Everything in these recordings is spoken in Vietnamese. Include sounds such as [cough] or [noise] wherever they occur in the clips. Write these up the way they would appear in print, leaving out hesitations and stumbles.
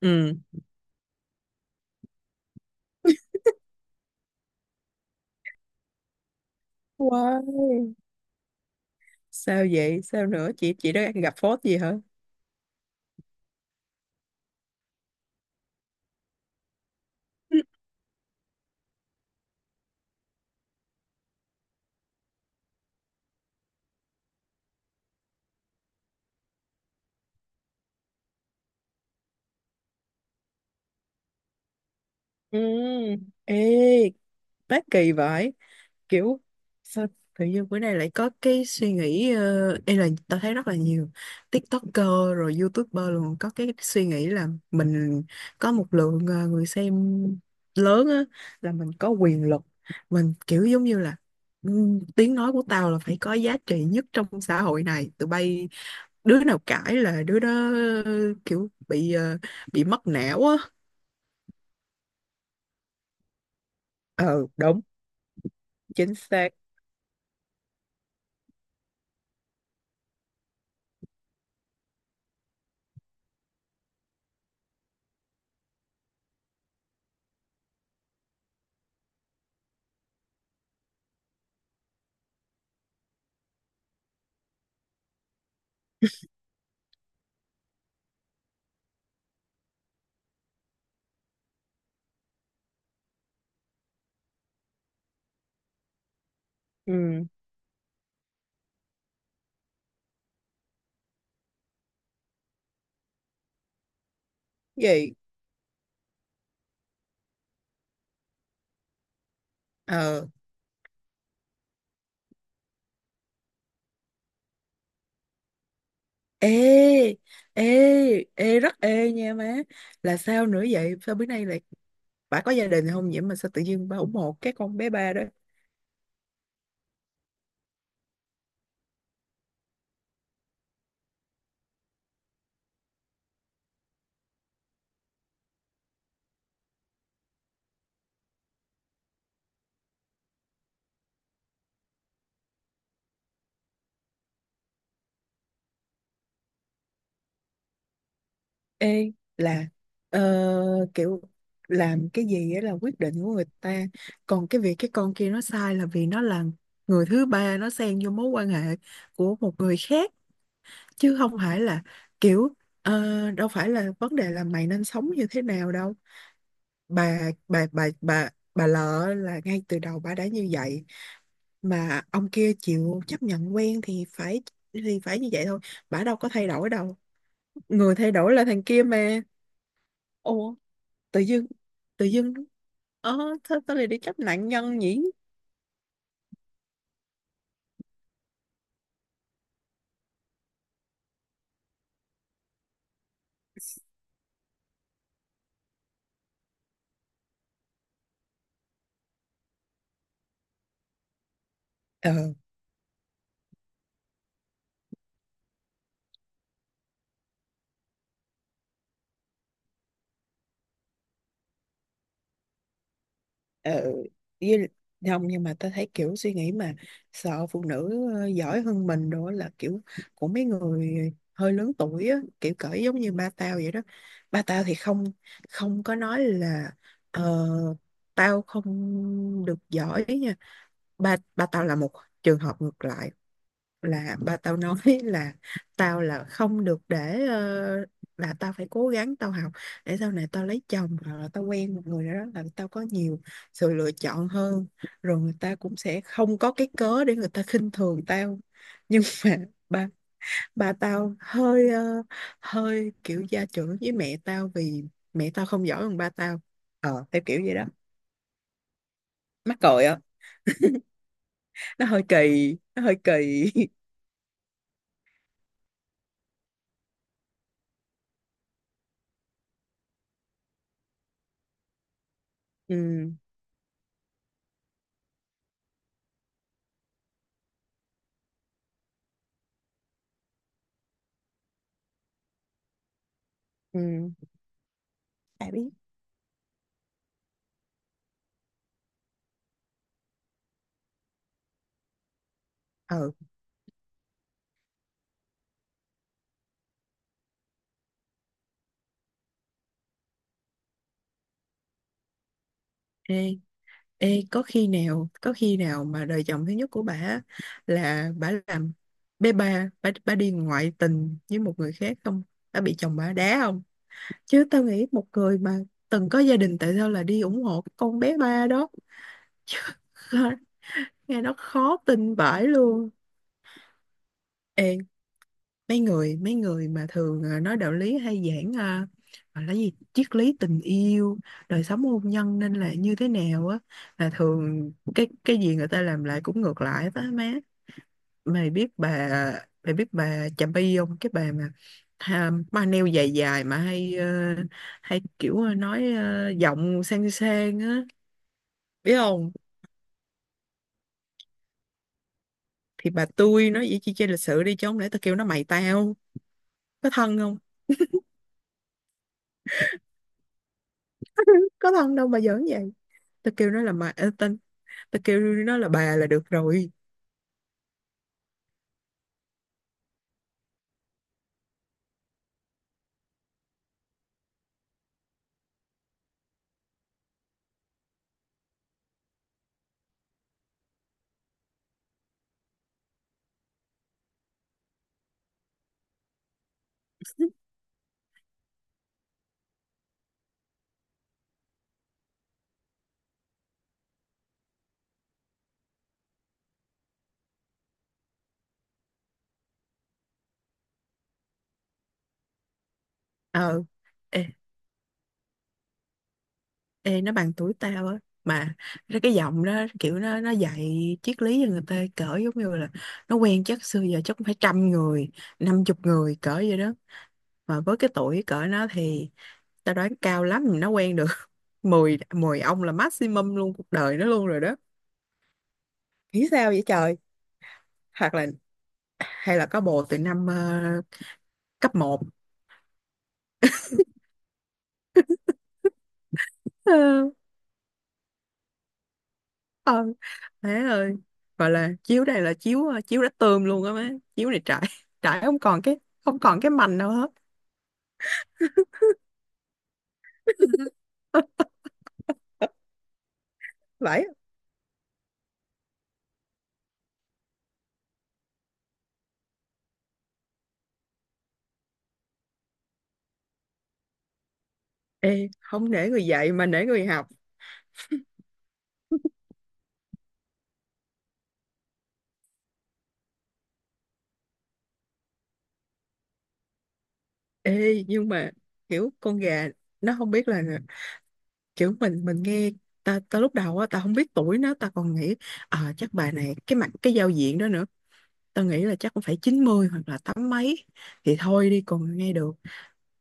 Ừ. Wow. Sao vậy, sao nữa? Chị đã gặp phốt gì hả? Ừ. Ê, bác kỳ vậy, kiểu sao tự nhiên bữa nay lại có cái suy nghĩ, ê là tao thấy rất là nhiều TikToker rồi YouTuber luôn có cái suy nghĩ là mình có một lượng người xem lớn á, là mình có quyền lực, mình kiểu giống như là ừ, tiếng nói của tao là phải có giá trị nhất trong xã hội này. Tụi bay, đứa nào cãi là đứa đó kiểu bị mất não á. Ờ, đúng. Chính xác. Ừ. Vậy. Ờ. Ê, ê, ê rất ê nha má! Là sao nữa vậy, sao bữa nay lại bà có gia đình không vậy mà sao tự nhiên bà ủng hộ cái con bé ba đó? Ê, là ờ, kiểu làm cái gì á là quyết định của người ta. Còn cái việc cái con kia nó sai là vì nó là người thứ ba, nó xen vô mối quan hệ của một người khác, chứ không phải là kiểu, ờ, đâu phải là vấn đề là mày nên sống như thế nào đâu. Bà lợ là ngay từ đầu bà đã như vậy mà ông kia chịu chấp nhận quen, thì phải như vậy thôi, bà đâu có thay đổi đâu. Người thay đổi là thằng kia mà. Ồ. Tự dưng, tự dưng, ờ thôi tao lại đi chấp nạn nhân nhỉ. Ờ. Ừ, với, không, nhưng mà ta thấy kiểu suy nghĩ mà sợ phụ nữ giỏi hơn mình đó là kiểu của mấy người hơi lớn tuổi á, kiểu cỡ giống như ba tao vậy đó. Ba tao thì không không có nói là ờ, tao không được giỏi nha. Ba ba tao là một trường hợp ngược lại, là ba tao nói [laughs] là tao là không được để, là tao phải cố gắng tao học để sau này tao lấy chồng hoặc là tao quen một người nào đó là tao có nhiều sự lựa chọn hơn, rồi người ta cũng sẽ không có cái cớ để người ta khinh thường tao. Nhưng mà ba ba tao hơi kiểu gia trưởng với mẹ tao vì mẹ tao không giỏi bằng ba tao, theo kiểu vậy đó. Mắc cười á. Nó hơi kỳ, nó hơi kỳ. [laughs] Ừ, ừ. Tao biết. Ừ. Ê. Ê, có khi nào mà đời chồng thứ nhất của bà là bà làm bé ba, bà đi ngoại tình với một người khác không? Bà bị chồng bà đá không? Chứ tao nghĩ một người mà từng có gia đình tại sao là đi ủng hộ cái con bé ba đó. [laughs] Chứ nghe nó khó tin vãi luôn. Ê, mấy người, mấy người mà thường nói đạo lý hay giảng, gọi là gì, triết lý tình yêu, đời sống hôn nhân nên là như thế nào á, là thường cái gì người ta làm lại cũng ngược lại đó má. Mày biết bà mày biết bà Chàm Bi không, cái bà mà à, ma neo dài dài mà hay kiểu, nói, giọng sang sang á? Biết không? Thì bà tôi nói vậy chi, chơi lịch sự đi, chứ không lẽ tao kêu nó mày tao, có thân không? [laughs] Có thân đâu mà giỡn vậy. Tao kêu nó là mày, tên, tao kêu nó là bà là được rồi. Ờ. Ê, ê nó bằng tuổi tao á mà, nó cái giọng đó kiểu nó dạy triết lý cho người ta cỡ giống như là nó quen chắc xưa giờ chắc cũng phải trăm người, năm chục người cỡ vậy đó. Mà với cái tuổi cỡ nó thì tao đoán cao lắm nó quen được [laughs] mười mười ông là maximum luôn cuộc đời nó luôn rồi đó. Nghĩ sao vậy trời. Hoặc là hay là có bồ từ năm, cấp 1. Má ơi, gọi là chiếu này là chiếu đã tươm luôn á má. Chiếu này trải, [laughs] trải không còn cái, không còn cái mành nào hết. [laughs] Vậy. Ê, không để người dạy mà để người học. Ê, nhưng mà kiểu con gà nó không biết là kiểu mình nghe, ta ta lúc đầu á ta không biết tuổi nó, ta còn nghĩ à, chắc bà này cái mặt cái giao diện đó nữa, ta nghĩ là chắc cũng phải 90 hoặc là tám mấy thì thôi đi, còn nghe được.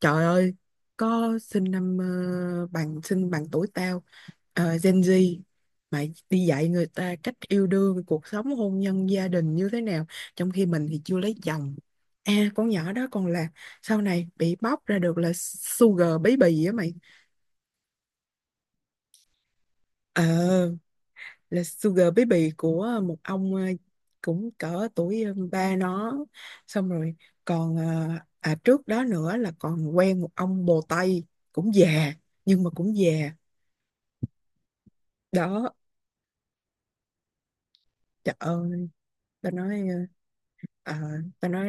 Trời ơi, có sinh năm ờ, bằng sinh bằng tuổi tao, Gen Z, mà đi dạy người ta cách yêu đương, cuộc sống hôn nhân gia đình như thế nào, trong khi mình thì chưa lấy chồng. À, con nhỏ đó còn là sau này bị bóc ra được là sugar baby á mày. Ờ. Là Sugar Baby của, một ông, cũng cỡ tuổi, ba nó, xong rồi còn, à, trước đó nữa là còn quen một ông bồ Tây, cũng già nhưng mà cũng già. Đó. Trời ơi. Ta nói, à, ta nói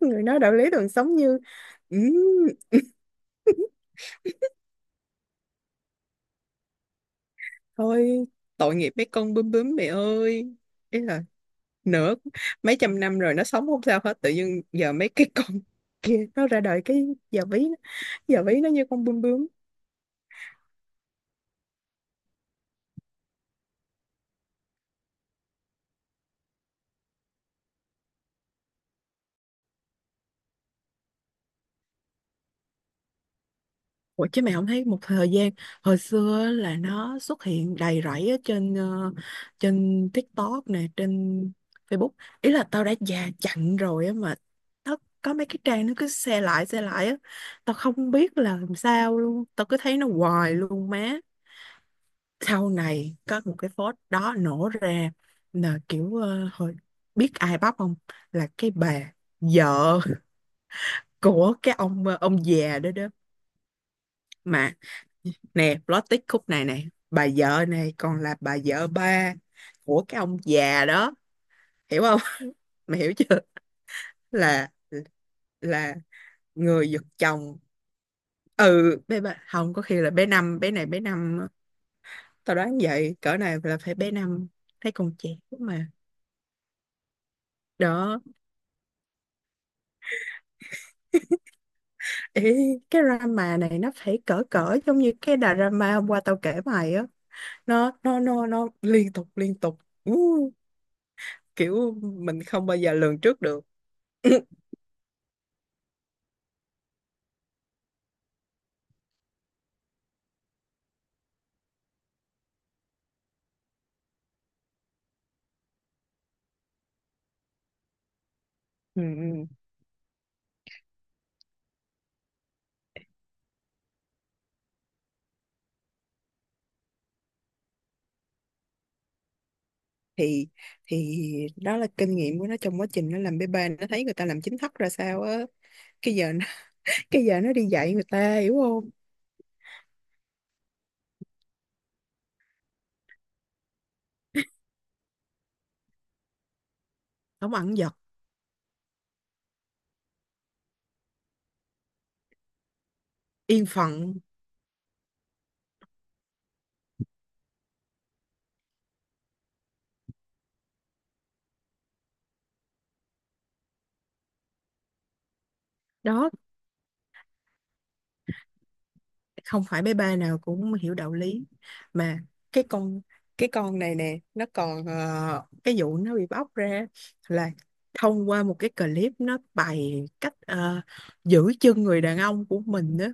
người nói đạo lý đời sống như "Ừm." Thôi, tội nghiệp mấy con bướm bướm mẹ ơi. Ý là nửa mấy trăm năm rồi nó sống không sao hết, tự nhiên giờ mấy cái con [laughs] kia nó ra đời cái giờ ví giờ ví nó như con bướm bướm. Ủa chứ mày không thấy một thời gian hồi xưa á là nó xuất hiện đầy rẫy ở trên TikTok nè, trên Facebook. Ý là tao đã già chặn rồi á mà nó có mấy cái trang nó cứ share lại á, tao không biết là làm sao luôn, tao cứ thấy nó hoài luôn má. Sau này có một cái post đó nổ ra là kiểu, hồi, biết ai bóc không, là cái bà vợ của cái ông già đó đó mà, nè plot twist khúc này này, bà vợ này còn là bà vợ ba của cái ông già đó, hiểu không? [laughs] Mày hiểu chưa? Là là người giật chồng. Ừ, bé ba không, có khi là bé năm, bé này bé năm, tao đoán vậy, cỡ này là phải bé năm, thấy còn trẻ mà. Đó. Ê, cái drama này nó phải cỡ cỡ giống như cái drama hôm qua tao kể mày á, nó liên tục liên tục. Ú, kiểu mình không bao giờ lường trước được. [clears throat] Ừ, ừ. thì thì đó là kinh nghiệm của nó trong quá trình nó làm bê bê, nó thấy người ta làm chính thất ra sao á, cái giờ nó, [laughs] cái giờ nó đi dạy người ta, hiểu không? Không ẩn giật. Yên phận. Đó, không phải bé ba nào cũng hiểu đạo lý mà. Cái con cái con này nè nó còn, cái vụ nó bị bóc ra là thông qua một cái clip nó bày cách, giữ chân người đàn ông của mình đó,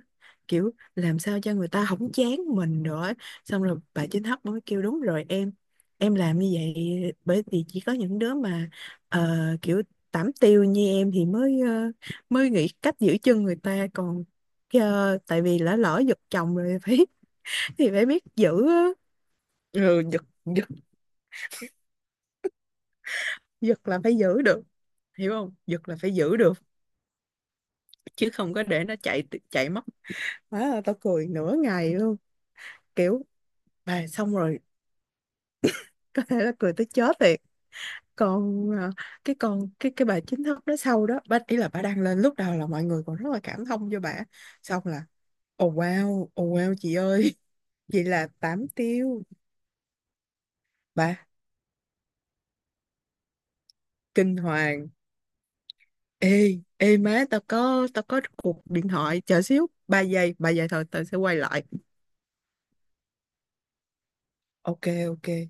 kiểu làm sao cho người ta không chán mình nữa. Xong rồi bà chính hấp mới kêu đúng rồi em làm như vậy bởi vì chỉ có những đứa mà, ờ, kiểu tảm tiêu như em thì mới nghĩ cách giữ chân người ta còn. Ờ, tại vì lỡ lỡ giật chồng rồi, phải, [laughs] thì phải biết giữ á. Ừ, giật giật. Giật là phải giữ được, hiểu không, giật là phải giữ được, chứ không có để nó chạy, chạy mất. Má ơi, tao cười nửa ngày luôn kiểu, bà xong rồi, có thể là cười tới chết thiệt. Còn à, cái con cái bà chính thức đó sau đó bà ý là bà đăng lên lúc đầu là mọi người còn rất là cảm thông cho bà, xong là oh wow oh wow chị ơi. [laughs] Vậy là tám tiêu. Bà kinh hoàng. Ê, ê má, tao có cuộc điện thoại, chờ xíu, 3 giây, 3 giây thôi, tao sẽ quay lại. Ok, ok.